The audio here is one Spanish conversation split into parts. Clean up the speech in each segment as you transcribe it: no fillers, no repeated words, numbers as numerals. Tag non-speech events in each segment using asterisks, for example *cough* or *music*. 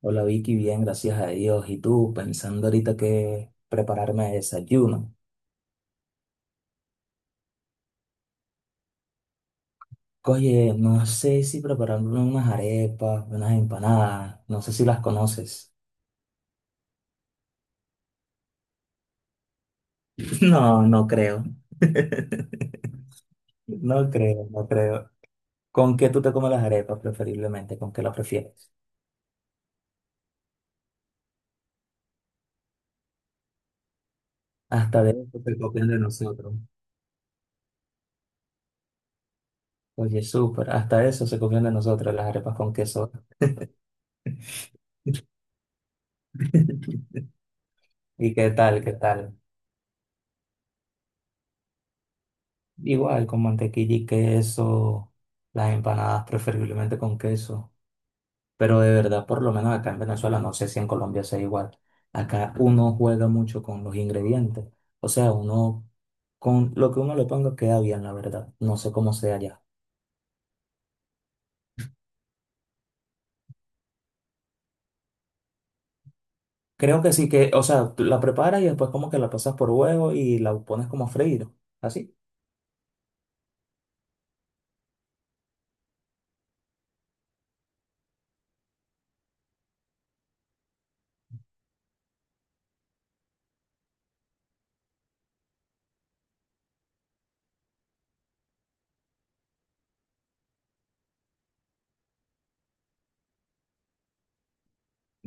Hola Vicky, bien, gracias a Dios. ¿Y tú? Pensando ahorita que prepararme de desayuno. Oye, no sé si prepararme unas arepas, unas empanadas, no sé si las conoces. *laughs* No, no creo. *laughs* No creo, no creo. ¿Con qué tú te comes las arepas preferiblemente? ¿Con qué las prefieres? Hasta de eso se copian de nosotros. Oye, súper, hasta eso se copian de nosotros las arepas con queso. ¿Y qué tal, qué tal? Igual, con mantequilla y queso, las empanadas preferiblemente con queso. Pero de verdad, por lo menos acá en Venezuela, no sé si en Colombia sea igual. Acá uno juega mucho con los ingredientes. O sea, uno con lo que uno le ponga queda bien, la verdad. No sé cómo sea allá. Creo que sí que, o sea, tú la preparas y después como que la pasas por huevo y la pones como a freír. Así.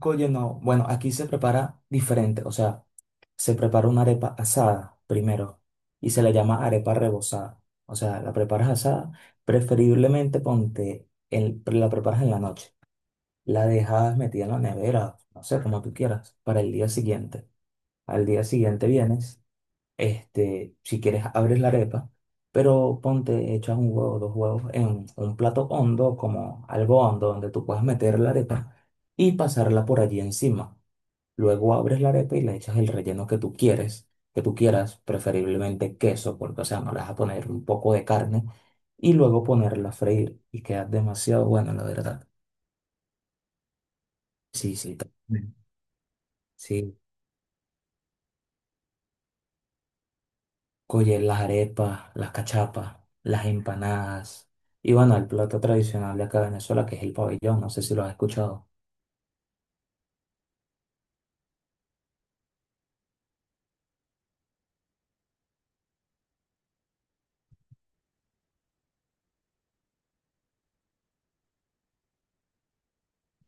Oye, no. Bueno, aquí se prepara diferente. O sea, se prepara una arepa asada primero y se le llama arepa rebozada. O sea, la preparas asada, preferiblemente ponte, la preparas en la noche. La dejas metida en la nevera, no sé, como tú quieras, para el día siguiente. Al día siguiente vienes, si quieres abres la arepa, pero ponte, echas un huevo, dos huevos en un plato hondo, como algo hondo, donde tú puedas meter la arepa y pasarla por allí encima. Luego abres la arepa y le echas el relleno que tú quieras, preferiblemente queso, porque, o sea, no le vas a poner un poco de carne, y luego ponerla a freír y queda demasiado bueno, la verdad. Sí, sí. También. Sí. Oye, las arepas, las cachapas, las empanadas. Y bueno, el plato tradicional de acá de Venezuela, que es el pabellón, no sé si lo has escuchado.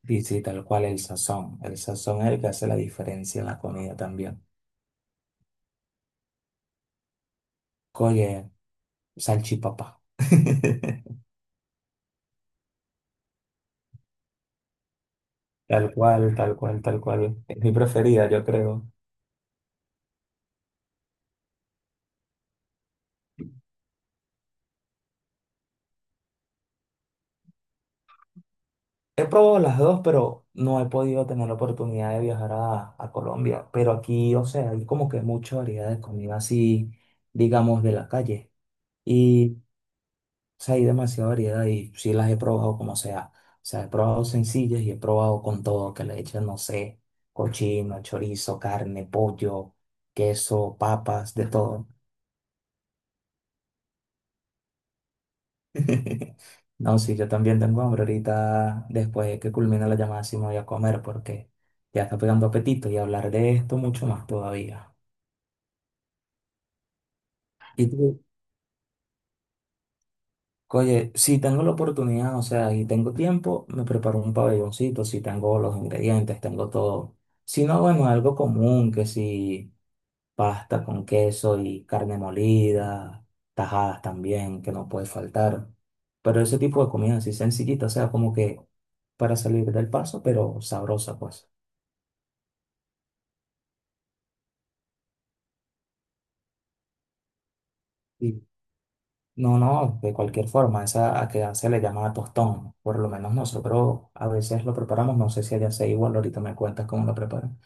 Y sí, tal cual el sazón. El sazón es el que hace la diferencia en la comida también. Oye, salchipapa. *laughs* Tal cual, tal cual, tal cual. Es mi preferida, yo creo. He probado las dos, pero no he podido tener la oportunidad de viajar a Colombia. Pero aquí, o sea, hay como que mucha variedad de comida así, digamos, de la calle. y O sea, hay demasiada variedad y sí las he probado como sea. O sea, he probado sencillas y he probado con todo, que le echan, no sé, cochino, chorizo, carne, pollo, queso, papas, de todo. *laughs* No, sí, yo también tengo hambre ahorita, después de que culmina la llamada, sí me voy a comer porque ya está pegando apetito y hablar de esto mucho más todavía. ¿Y tú Oye, si tengo la oportunidad, o sea, y tengo tiempo, me preparo un pabelloncito, si tengo los ingredientes, tengo todo. Si no, bueno, algo común, que si pasta con queso y carne molida, tajadas también, que no puede faltar. Pero ese tipo de comida así sencillita, o sea, como que para salir del paso, pero sabrosa, pues. No, no, de cualquier forma, esa a que se le llama tostón. Por lo menos nosotros a veces lo preparamos, no sé si allá sea igual, ahorita me cuentas cómo lo preparan.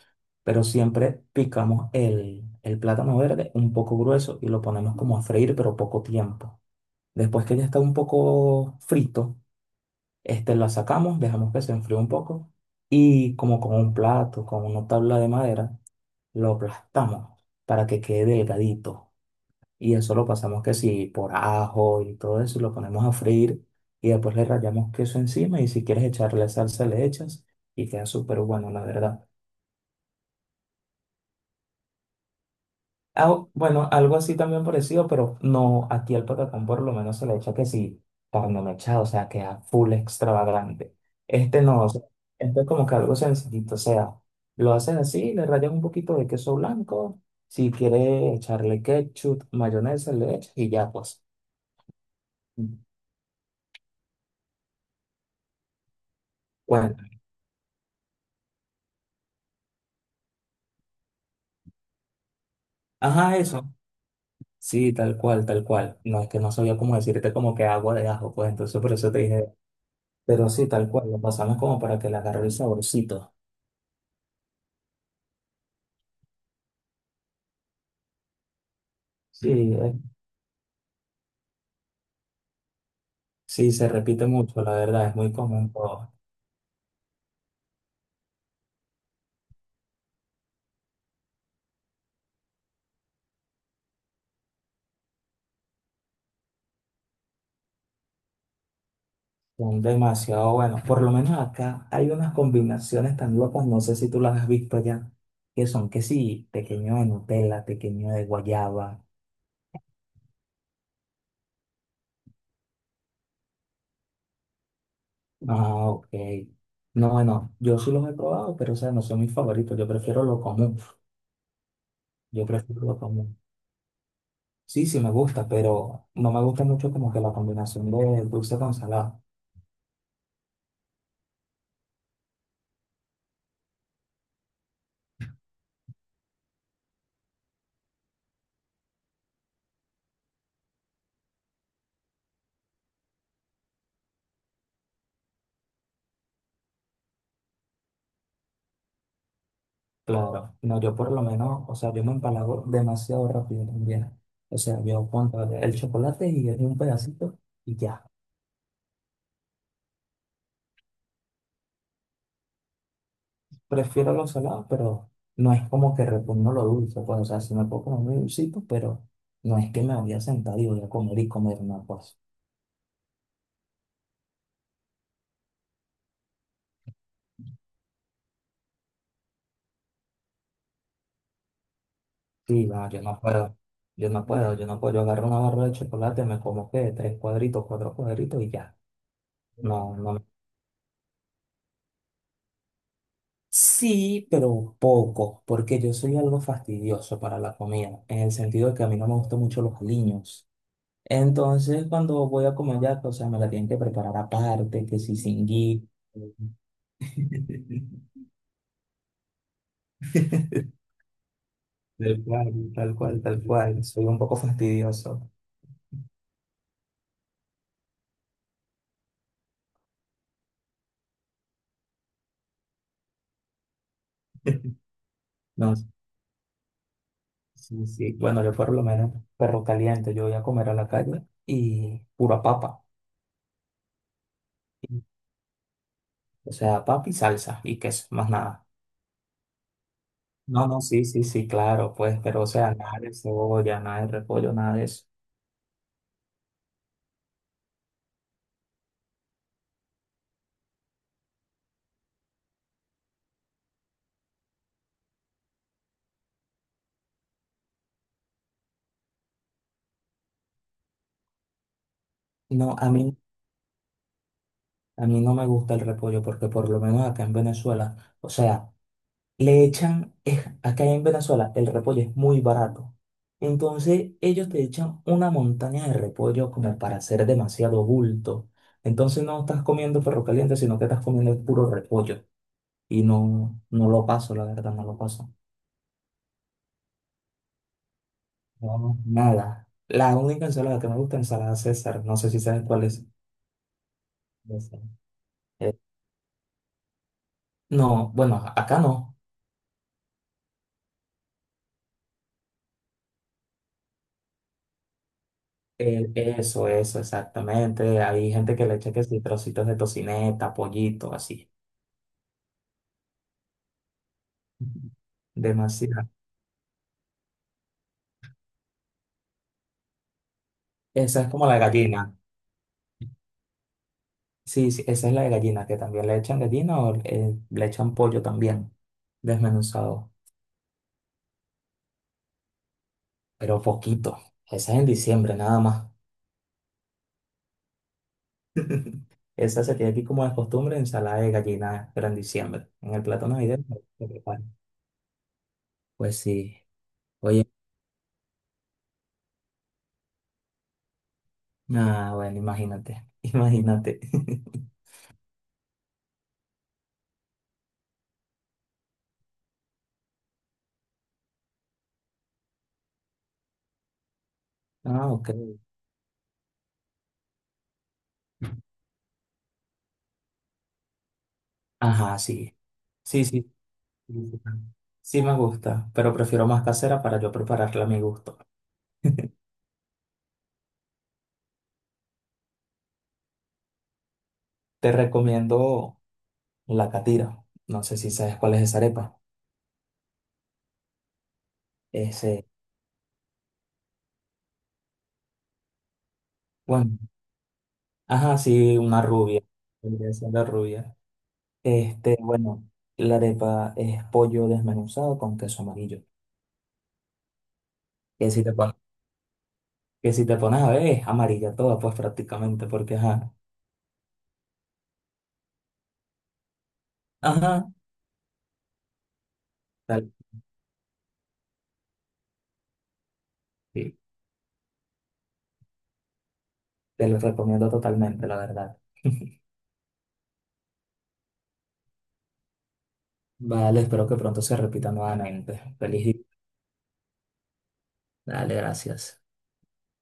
Pero siempre picamos el plátano verde un poco grueso y lo ponemos como a freír, pero poco tiempo. Después que ya está un poco frito, lo sacamos, dejamos que se enfríe un poco y como con un plato, con una tabla de madera, lo aplastamos para que quede delgadito y eso lo pasamos que si por ajo y todo eso, y lo ponemos a freír y después le rallamos queso encima y si quieres echarle salsa le echas y queda súper bueno, la verdad. Ah, bueno, algo así también parecido, pero no, aquí al patacón por lo menos se le echa que sí, carne mechada, o sea, queda full extravagante. Este no, o sea, este es como que algo sencillito, o sea, lo haces así, le rayas un poquito de queso blanco, si quieres echarle ketchup, mayonesa, le echas y ya pues. Bueno, ajá, eso. Sí, tal cual, tal cual. No es que no sabía cómo decirte como que agua de ajo, pues entonces por eso te dije, pero sí, tal cual, lo pasamos como para que le agarre el saborcito. Sí, sí, se repite mucho, la verdad, es muy común. Pero son demasiado buenos. Por lo menos acá hay unas combinaciones tan locas, no sé si tú las has visto ya, que son que sí, pequeño de Nutella, pequeño de guayaba. Ah, ok. No, bueno, yo sí los he probado, pero o sea, no son mis favoritos, yo prefiero lo común. Yo prefiero lo común. Sí, sí me gusta, pero no me gusta mucho como que la combinación de dulce con salado. Claro, no, yo por lo menos, o sea, yo me empalago demasiado rápido también. O sea, yo pongo el chocolate y es un pedacito y ya. Prefiero lo salado, pero no es como que repugno lo dulce. Pues, o sea, si me puedo comer muy dulcito, pero no es que me voy a sentar y voy a comer y comer una cosa. Sí, no, yo no puedo. Yo no puedo, yo no puedo. Yo agarro una barra de chocolate, me como que tres cuadritos, cuatro cuadritos y ya. No, no. Sí, pero un poco, porque yo soy algo fastidioso para la comida, en el sentido de que a mí no me gustan mucho los aliños. Entonces, cuando voy a comer ya, o sea, me la tienen que preparar aparte, que si sin gui. *laughs* Tal cual, tal cual, tal cual. Soy un poco fastidioso. No, sí, sí. Bueno, yo por lo menos perro caliente, yo voy a comer a la calle y pura papa. O sea, papa y salsa y queso, más nada. No, no, sí, sí, sí, claro, pues, pero o sea, nada de cebolla, nada de repollo, nada de eso. No, a mí no me gusta el repollo porque por lo menos acá en Venezuela, o sea, le echan, acá en Venezuela el repollo es muy barato. Entonces ellos te echan una montaña de repollo como para hacer demasiado bulto. Entonces no estás comiendo perro caliente, sino que estás comiendo el puro repollo. Y no, no lo paso, la verdad, no lo paso. No, nada. La única ensalada que me gusta es ensalada César. No sé si sabes cuál es. Ya sé. Eh, no, bueno, acá no. Eso, eso, exactamente. Hay gente que le echa que sí, trocitos de tocineta, pollito, así. Ujú. Demasiado. Esa es como la gallina. Sí, sí, esa es la de gallina, que también le echan gallina o le echan pollo también, desmenuzado, pero poquito. Esa es en diciembre nada más. *laughs* Esa se tiene aquí como de costumbre, ensalada de gallina, pero en diciembre. En el plato navideño se prepara. Pues sí. Oye. Ah, bueno, imagínate, *laughs* imagínate. *laughs* Ah, ok. Ajá, sí. Sí, sí. Sí sí. Sí me gusta, pero prefiero más casera para yo prepararla a mi gusto. *laughs* Te recomiendo la catira. No sé si sabes cuál es esa arepa. Ese, bueno, ajá, sí, una rubia. Vendría siendo rubia. Bueno, la arepa es pollo desmenuzado con queso amarillo. Que si te pones, que si te pones a ver, es amarilla toda, pues prácticamente, porque ajá, ajá, tal. Sí. Te lo recomiendo totalmente, la verdad. *laughs* Vale, espero que pronto se repita nuevamente. Feliz día. Dale, gracias.